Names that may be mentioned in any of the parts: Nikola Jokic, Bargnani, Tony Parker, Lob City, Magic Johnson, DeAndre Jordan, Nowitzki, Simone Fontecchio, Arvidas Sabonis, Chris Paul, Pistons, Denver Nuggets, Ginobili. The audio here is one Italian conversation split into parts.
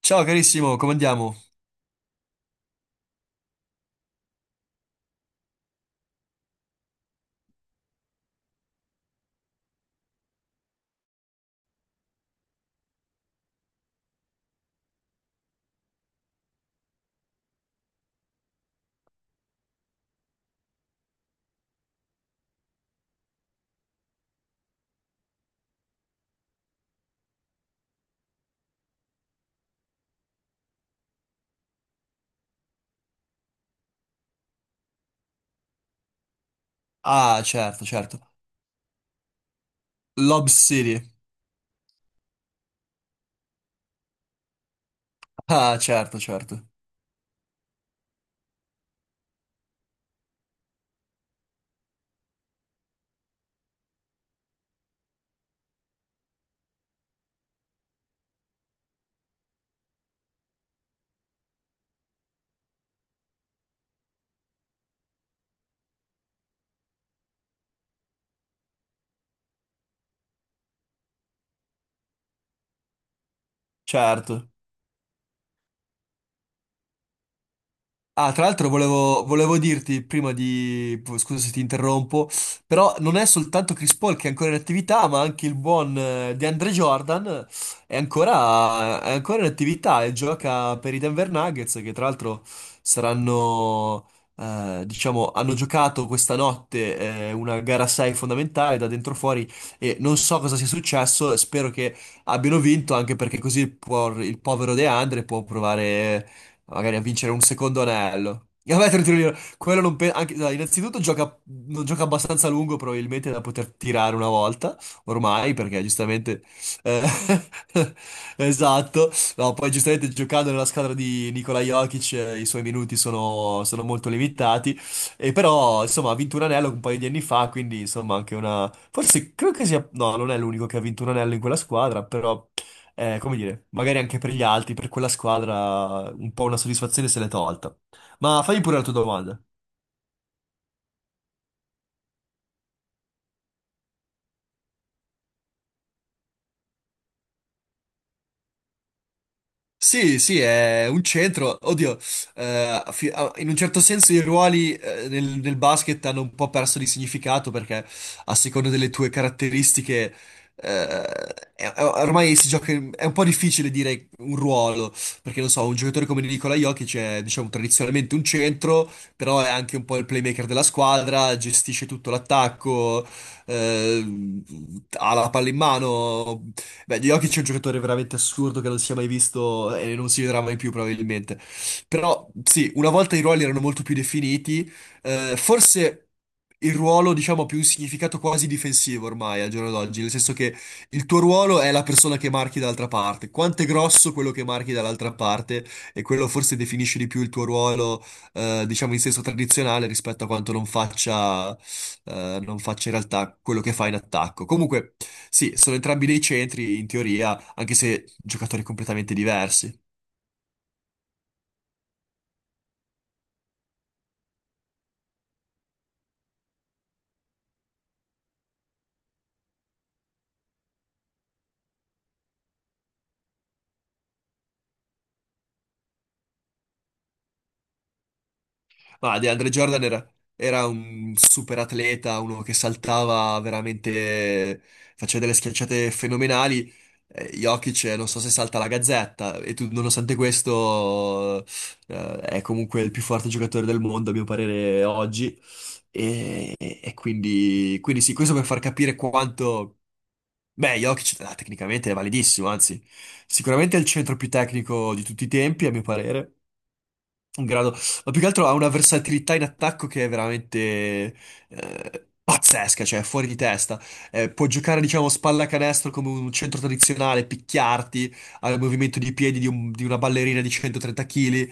Ciao carissimo, come andiamo? Ah, certo, certo. Lob City. Ah, certo, certo. Certo. Ah, tra l'altro volevo dirti prima di... Scusa se ti interrompo, però non è soltanto Chris Paul che è ancora in attività, ma anche il buon DeAndre Jordan è ancora in attività e gioca per i Denver Nuggets, che tra l'altro saranno, diciamo, hanno giocato questa notte una gara 6 fondamentale da dentro fuori e non so cosa sia successo, spero che abbiano vinto anche perché il povero DeAndre può provare magari a vincere un secondo anello. E vabbè, quello non pe- dai, innanzitutto gioca, non gioca abbastanza a lungo probabilmente da poter tirare una volta, ormai, perché giustamente... eh, esatto. No, poi giustamente giocando nella squadra di Nikola Jokic, i suoi minuti sono molto limitati, e però insomma ha vinto un anello un paio di anni fa, quindi insomma anche una... Forse credo che sia... No, non è l'unico che ha vinto un anello in quella squadra, però, come dire, magari anche per gli altri, per quella squadra, un po' una soddisfazione se l'è tolta. Ma fai pure la tua domanda. Sì, sì, è un centro. Oddio, in un certo senso i ruoli, nel basket, hanno un po' perso di significato perché, a seconda delle tue caratteristiche, eh, ormai si gioca, è un po' difficile dire un ruolo, perché, non so, un giocatore come Nikola Jokic è, diciamo, tradizionalmente un centro, però è anche un po' il playmaker della squadra, gestisce tutto l'attacco, eh, ha la palla in mano. Beh, Jokic è un giocatore veramente assurdo che non si è mai visto e non si vedrà mai più probabilmente. Però sì, una volta i ruoli erano molto più definiti, forse il ruolo, diciamo, ha più un significato quasi difensivo ormai al giorno d'oggi, nel senso che il tuo ruolo è la persona che marchi dall'altra parte. Quanto è grosso quello che marchi dall'altra parte, e quello forse definisce di più il tuo ruolo, diciamo, in senso tradizionale, rispetto a quanto non faccia in realtà quello che fa in attacco. Comunque, sì, sono entrambi dei centri, in teoria, anche se giocatori completamente diversi. Ma DeAndre Jordan era un super atleta, uno che saltava veramente, faceva delle schiacciate fenomenali. Jokic, non so se salta la gazzetta, e tu, nonostante questo, è comunque il più forte giocatore del mondo, a mio parere, oggi. E quindi sì, questo per far capire quanto... Beh, Jokic, tecnicamente è validissimo, anzi, sicuramente è il centro più tecnico di tutti i tempi, a mio parere, in grado, ma più che altro ha una versatilità in attacco che è veramente, pazzesca, cioè fuori di testa. Può giocare, diciamo, spalla canestro come un centro tradizionale, picchiarti al movimento di piedi di, di una ballerina di 130 kg,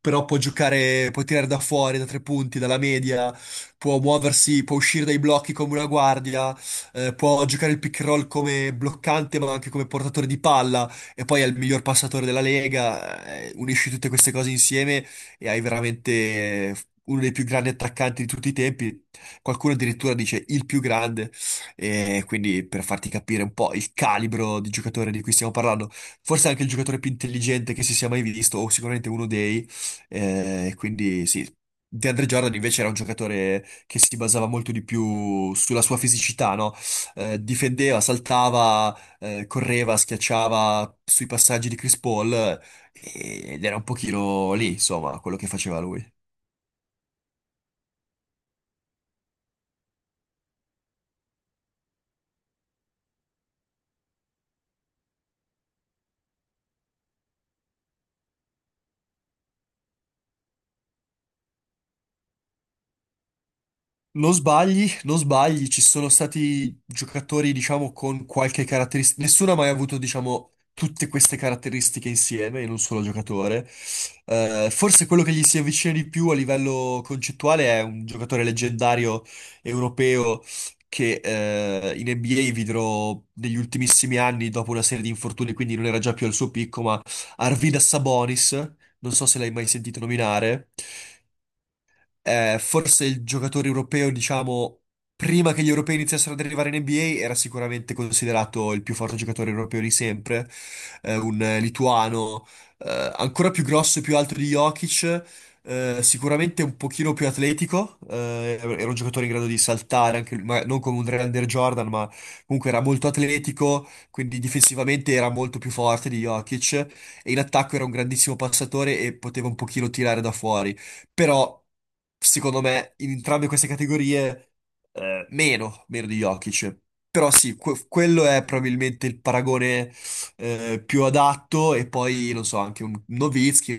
però può giocare, può tirare da fuori, da tre punti, dalla media, può muoversi, può uscire dai blocchi come una guardia, può giocare il pick and roll come bloccante, ma anche come portatore di palla, e poi è il miglior passatore della Lega. Unisci tutte queste cose insieme e hai veramente, eh, uno dei più grandi attaccanti di tutti i tempi. Qualcuno addirittura dice il più grande, e quindi per farti capire un po' il calibro di giocatore di cui stiamo parlando, forse anche il giocatore più intelligente che si sia mai visto, o sicuramente uno dei, quindi sì. DeAndre Jordan invece era un giocatore che si basava molto di più sulla sua fisicità, no? Difendeva, saltava, correva, schiacciava sui passaggi di Chris Paul, ed era un pochino lì, insomma, quello che faceva lui. Non sbagli, non sbagli, ci sono stati giocatori, diciamo, con qualche caratteristica. Nessuno ha mai avuto, diciamo, tutte queste caratteristiche insieme in un solo giocatore. Forse quello che gli si avvicina di più a livello concettuale è un giocatore leggendario europeo che, in NBA vidrò negli ultimissimi anni dopo una serie di infortuni, quindi non era già più al suo picco, ma Arvidas Sabonis, non so se l'hai mai sentito nominare. Forse il giocatore europeo, diciamo, prima che gli europei iniziassero ad arrivare in NBA, era sicuramente considerato il più forte giocatore europeo di sempre, un lituano, ancora più grosso e più alto di Jokic. Sicuramente un pochino più atletico, era un giocatore in grado di saltare, anche lui, ma non come un Andre Jordan, ma comunque era molto atletico, quindi difensivamente era molto più forte di Jokic, e in attacco era un grandissimo passatore e poteva un pochino tirare da fuori. Però, secondo me, in entrambe queste categorie, meno di Jokic. Però sì, quello è probabilmente il paragone più adatto, e poi, non so, anche un Nowitzki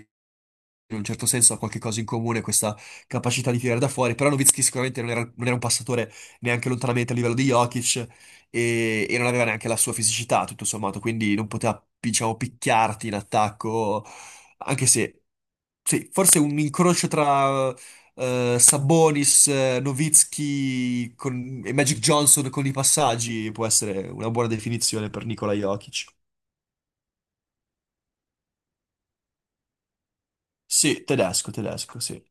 in un certo senso ha qualche cosa in comune, questa capacità di tirare da fuori, però Nowitzki sicuramente non era un passatore neanche lontanamente a livello di Jokic, e non aveva neanche la sua fisicità, tutto sommato, quindi non poteva, diciamo, picchiarti in attacco, anche se, sì, forse un incrocio tra, Sabonis, Nowitzki e Magic Johnson con i passaggi, può essere una buona definizione per Nikola Jokic. Sì, tedesco, tedesco, sì.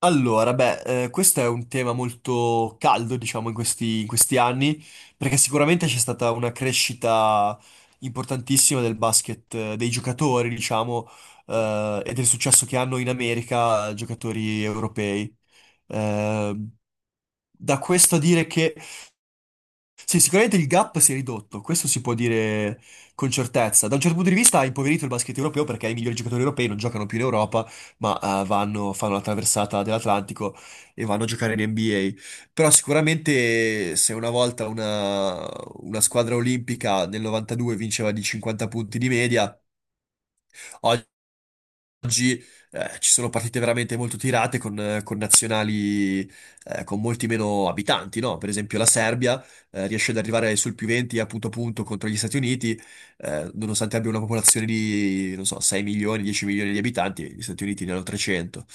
Allora, beh, questo è un tema molto caldo, diciamo, in questi anni, perché sicuramente c'è stata una crescita importantissima del basket, dei giocatori, diciamo, e del successo che hanno in America giocatori europei. Eh, Da questo a dire che sì, sicuramente il gap si è ridotto, questo si può dire con certezza. Da un certo punto di vista ha impoverito il basket europeo perché i migliori giocatori europei non giocano più in Europa, ma, vanno, fanno la traversata dell'Atlantico e vanno a giocare in NBA. Però sicuramente se una volta una squadra olimpica nel 92 vinceva di 50 punti di media, oggi, ci sono partite veramente molto tirate con nazionali, con molti meno abitanti, no? Per esempio la Serbia, riesce ad arrivare sul più 20 a punto contro gli Stati Uniti, nonostante abbia una popolazione di, non so, 6 milioni, 10 milioni di abitanti, gli Stati Uniti ne hanno 300.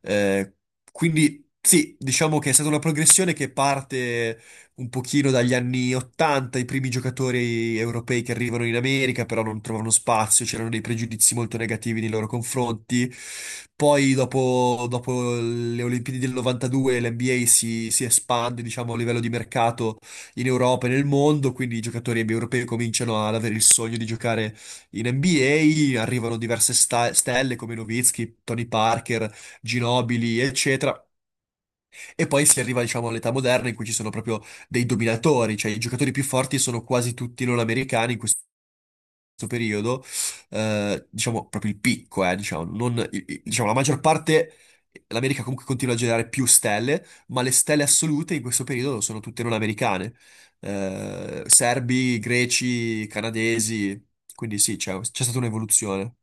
Eh, quindi sì, diciamo che è stata una progressione che parte un pochino dagli anni 80: i primi giocatori europei che arrivano in America, però non trovano spazio, c'erano dei pregiudizi molto negativi nei loro confronti. Poi dopo le Olimpiadi del 92 l'NBA si espande, diciamo, a livello di mercato in Europa e nel mondo, quindi i giocatori europei cominciano ad avere il sogno di giocare in NBA, arrivano diverse stelle come Nowitzki, Tony Parker, Ginobili, eccetera. E poi si arriva, diciamo, all'età moderna in cui ci sono proprio dei dominatori, cioè i giocatori più forti sono quasi tutti non americani in questo periodo, diciamo proprio il picco, diciamo, non, diciamo, la maggior parte, l'America comunque continua a generare più stelle, ma le stelle assolute in questo periodo sono tutte non americane. Serbi, greci, canadesi, quindi sì, c'è stata un'evoluzione.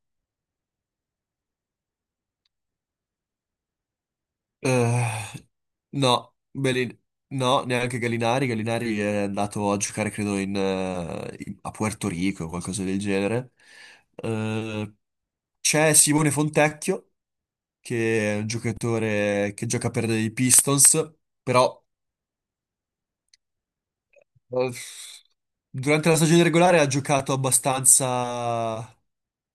Eh, no, no, neanche Gallinari. Gallinari è andato a giocare, credo, a Puerto Rico o qualcosa del genere. Eh, C'è Simone Fontecchio, che è un giocatore che gioca per i Pistons, però... eh, Durante la stagione regolare ha giocato abbastanza,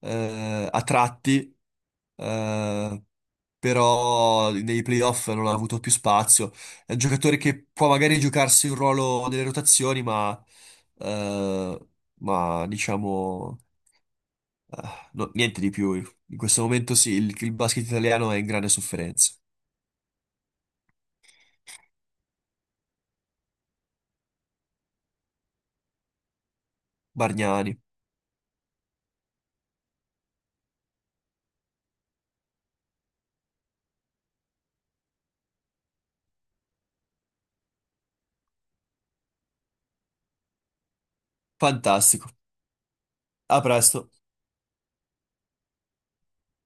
a tratti, eh, però nei playoff non ha avuto più spazio. È un giocatore che può magari giocarsi un ruolo nelle rotazioni, eh, ma diciamo, eh, niente di più. In questo momento sì, il basket italiano è in grande sofferenza. Bargnani, fantastico. A presto.